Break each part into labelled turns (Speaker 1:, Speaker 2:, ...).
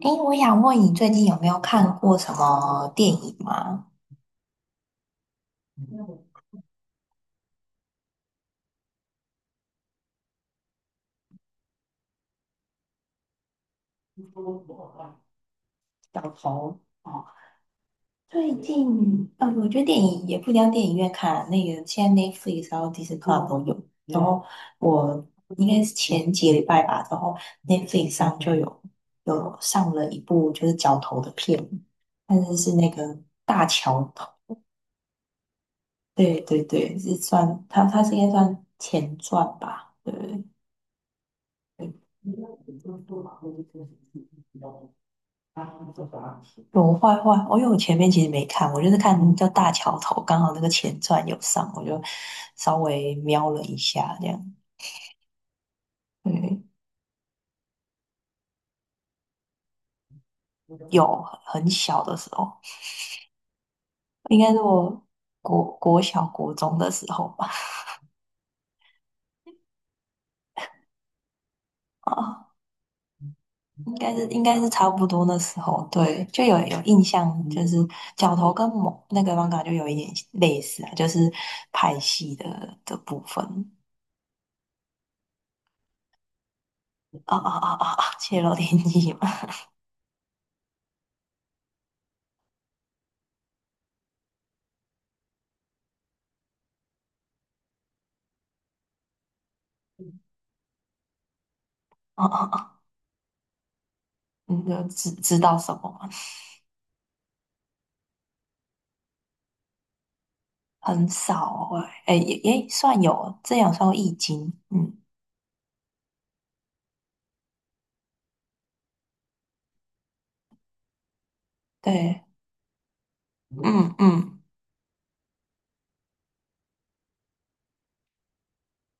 Speaker 1: 哎，我想问你最近有没有看过什么电影吗？最近，我觉得电影也不一定要电影院看啊那个现在 Netflix 然后 Disney Plus 都有。然后我应该是前几个礼拜吧，然后 Netflix 上就有上了一部就是角头的片，但是是那个大桥头。对对对，是算它是应该算前传吧？对。有坏坏，我因为我前面其实没看，我就是看叫大桥头，刚好那个前传有上，我就稍微瞄了一下，这样。对，有很小的时候，应该是我国小国中的时候吧，啊，应该是差不多那时候，对，就有印象，就是角头跟某那个 manga 就有一点类似啊，就是拍戏的部分。啊啊啊啊！啊！泄露天机嘛，啊啊啊！你就知道什么吗？很少哎也算有，这样算易经，嗯，对，嗯嗯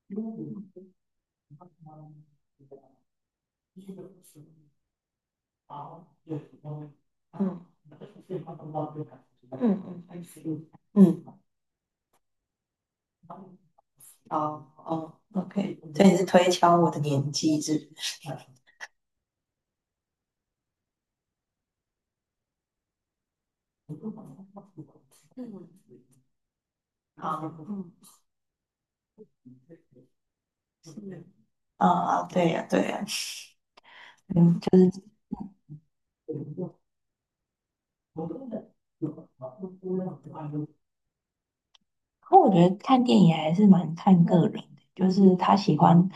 Speaker 1: 嗯嗯嗯，嗯，哦哦，OK，所以你是推敲我的年纪是不是？啊，嗯，啊，对呀，对呀，嗯，就是。不我觉得看电影还是蛮看个人的，就是他喜欢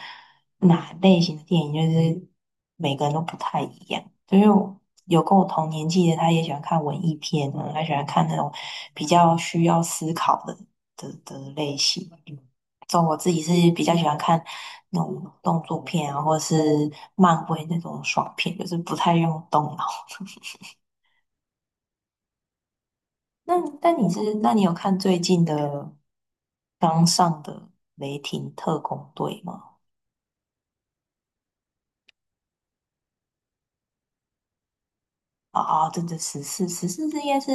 Speaker 1: 哪类型的电影，就是每个人都不太一样。就是我有跟我同年纪的，他也喜欢看文艺片啊，他喜欢看那种比较需要思考的的类型。嗯，所以我自己是比较喜欢看那种动作片啊，或者是漫威那种爽片，就是不太用动脑。那但你是，那你有看最近的刚上的《雷霆特工队》吗？啊啊，对对，十四这应该是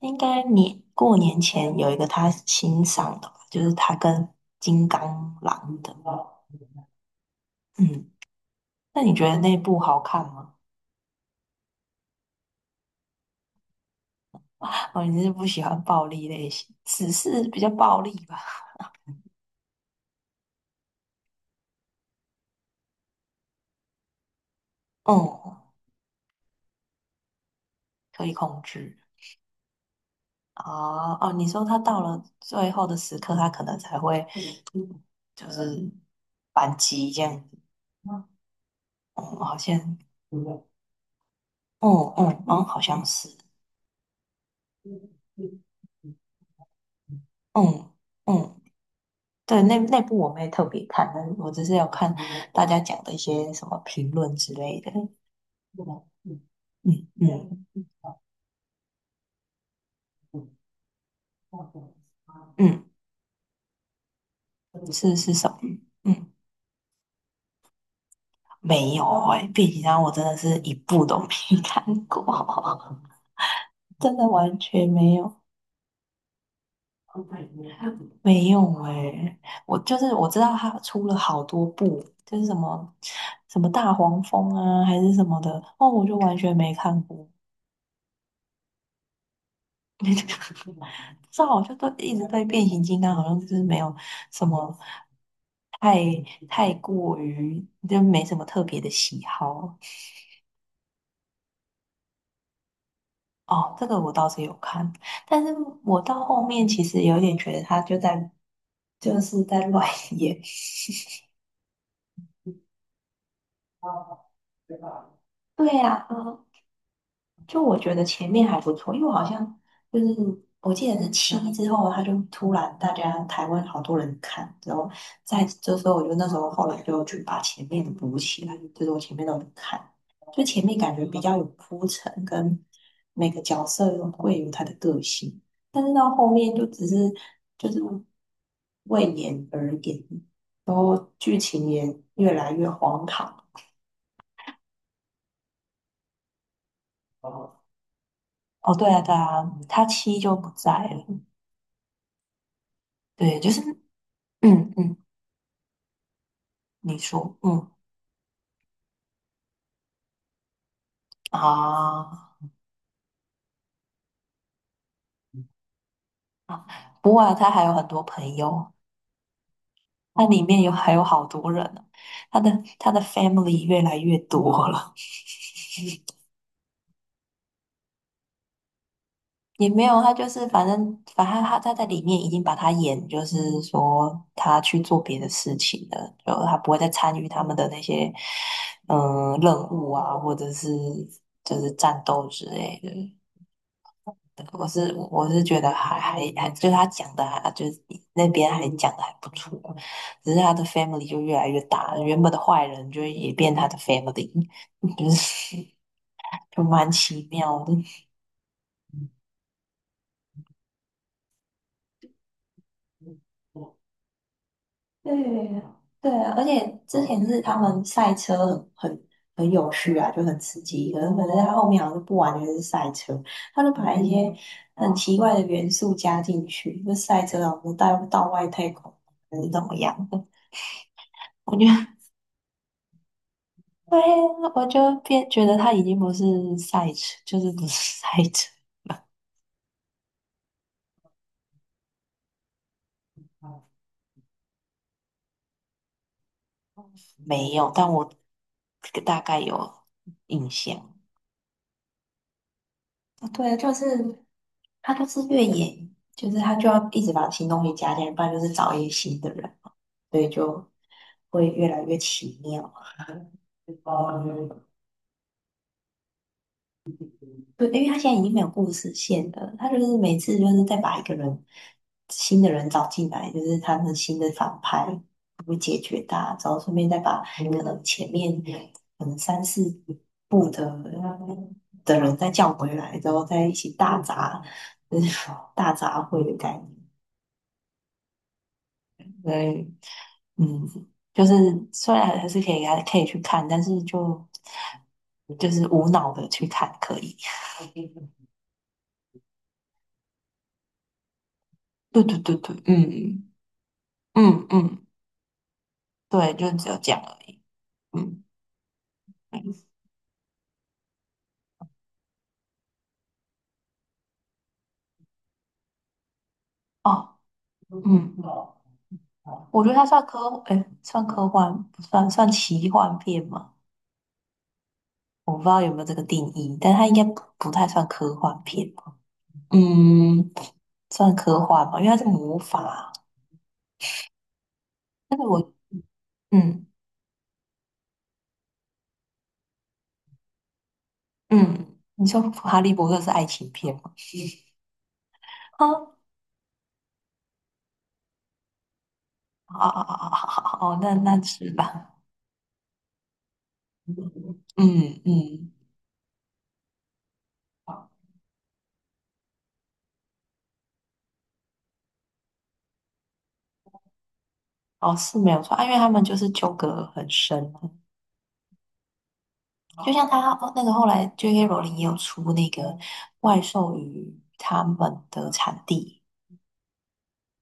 Speaker 1: 应该年过年前有一个他新上的吧，就是他跟金刚狼的。嗯，那你觉得那部好看吗？哦，你是不喜欢暴力类型，十四比较暴力吧？嗯，可以控制。啊哦，你说他到了最后的时刻，他可能才会就是反击这样子。哦，好像嗯嗯哦，好像是，嗯嗯，对，那那部我没特别看，但是我只是有看大家讲的一些什么评论之类的，嗯嗯嗯，是是什么？嗯，没有变形金刚我真的是一部都没 看过，真的完全没有没有我就是我知道它出了好多部，就是什么什么大黄蜂啊还是什么的，哦，我就完全没看过，这好像都一直对变形金刚，好像就是没有什么太太过于，就没什么特别的喜好。哦，这个我倒是有看，但是我到后面其实有点觉得他就在就是在乱演。对呀，嗯就我觉得前面还不错，因为我好像就是我记得是七之后，他就突然大家台湾好多人看，然后在这时候我就那时候后来就去把前面的补起来，就是我前面都有看，就前面感觉比较有铺陈，跟每个角色有会有他的个性，但是到后面就只是就是为演而演，然后剧情也越来越荒唐。哦，对啊，对啊，他七就不在了。对，就是嗯嗯，你说，嗯啊啊，不过啊，他还有很多朋友，他里面有还有好多人呢，他的他的 family 越来越多了，也没有，他就是反正反正他在里面已经把他演，就是说他去做别的事情了，就他不会再参与他们的那些嗯、任务啊，或者是就是战斗之类的，我是觉得还，就是他讲的还就是那边还讲的还不错，只是他的 family 就越来越大，原本的坏人就也变他的 family，就是 就蛮奇妙的。对对啊，而且之前是他们赛车很很有趣啊，就很刺激，可是他后面好像就不完全是赛车，他就把一些很奇怪的元素加进去，就赛车啊，我们带到外太空还是怎么样？我觉得。对呀，我就变觉得他已经不是赛车，就是不是 赛车，没有，但我大概有印象。啊，对，就是他就是越野，就是他就要一直把新东西加进来，不然就是找一些新的人，所以就会越来越奇妙。对，因为他现在已经没有故事线了，他就是每次就是再把一个人新的人找进来，就是他们新的反派会解决他，然后顺便再把可能前面可能三四部的人再叫回来，然后再一起大杂，就是 大杂烩的概念。所以，嗯，就是虽然还是可以去看，但是就就是无脑的去看可以。对对对对，嗯嗯嗯。对，就只有这样而已。嗯，嗯哦，嗯，我觉得它算科，哎，算科幻不算，算奇幻片吗？我不知道有没有这个定义，但它应该不太算科幻片吧。嗯，算科幻吧，因为它是魔法。但是我，嗯嗯，你说《哈利波特》是爱情片吗？啊啊啊啊啊！哦，那那是吧。嗯嗯，哦，是没有错啊因为他们就是纠葛很深。就像他那个后来 J.K. 罗琳也有出那个怪兽与他们的产地，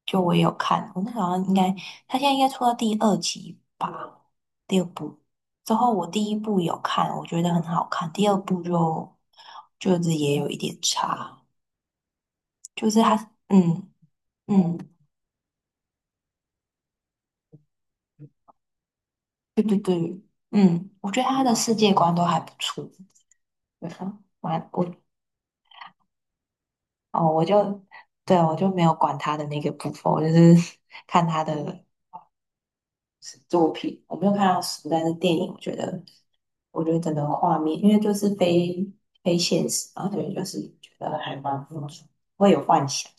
Speaker 1: 就我也有看，我那时候好像应该他现在应该出到第二集吧，第二部。之后我第一部有看，我觉得很好看，第二部就就是也有一点差，就是他嗯嗯对对对嗯，我觉得他的世界观都还不错，对啊，蛮我哦我就对我就没有管他的那个部分，我就是 看他的。作品，我没有看到书，但是电影，我觉得，我觉得整个画面，因为就是非现实嘛，所以就是觉得还蛮不错，会有幻想。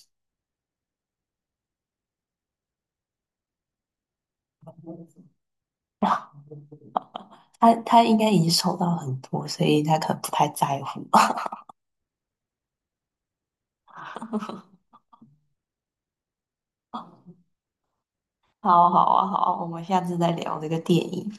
Speaker 1: 哇，他他应该已经收到很多，所以他可能不太在乎。好啊好啊，好啊我们下次再聊这个电影。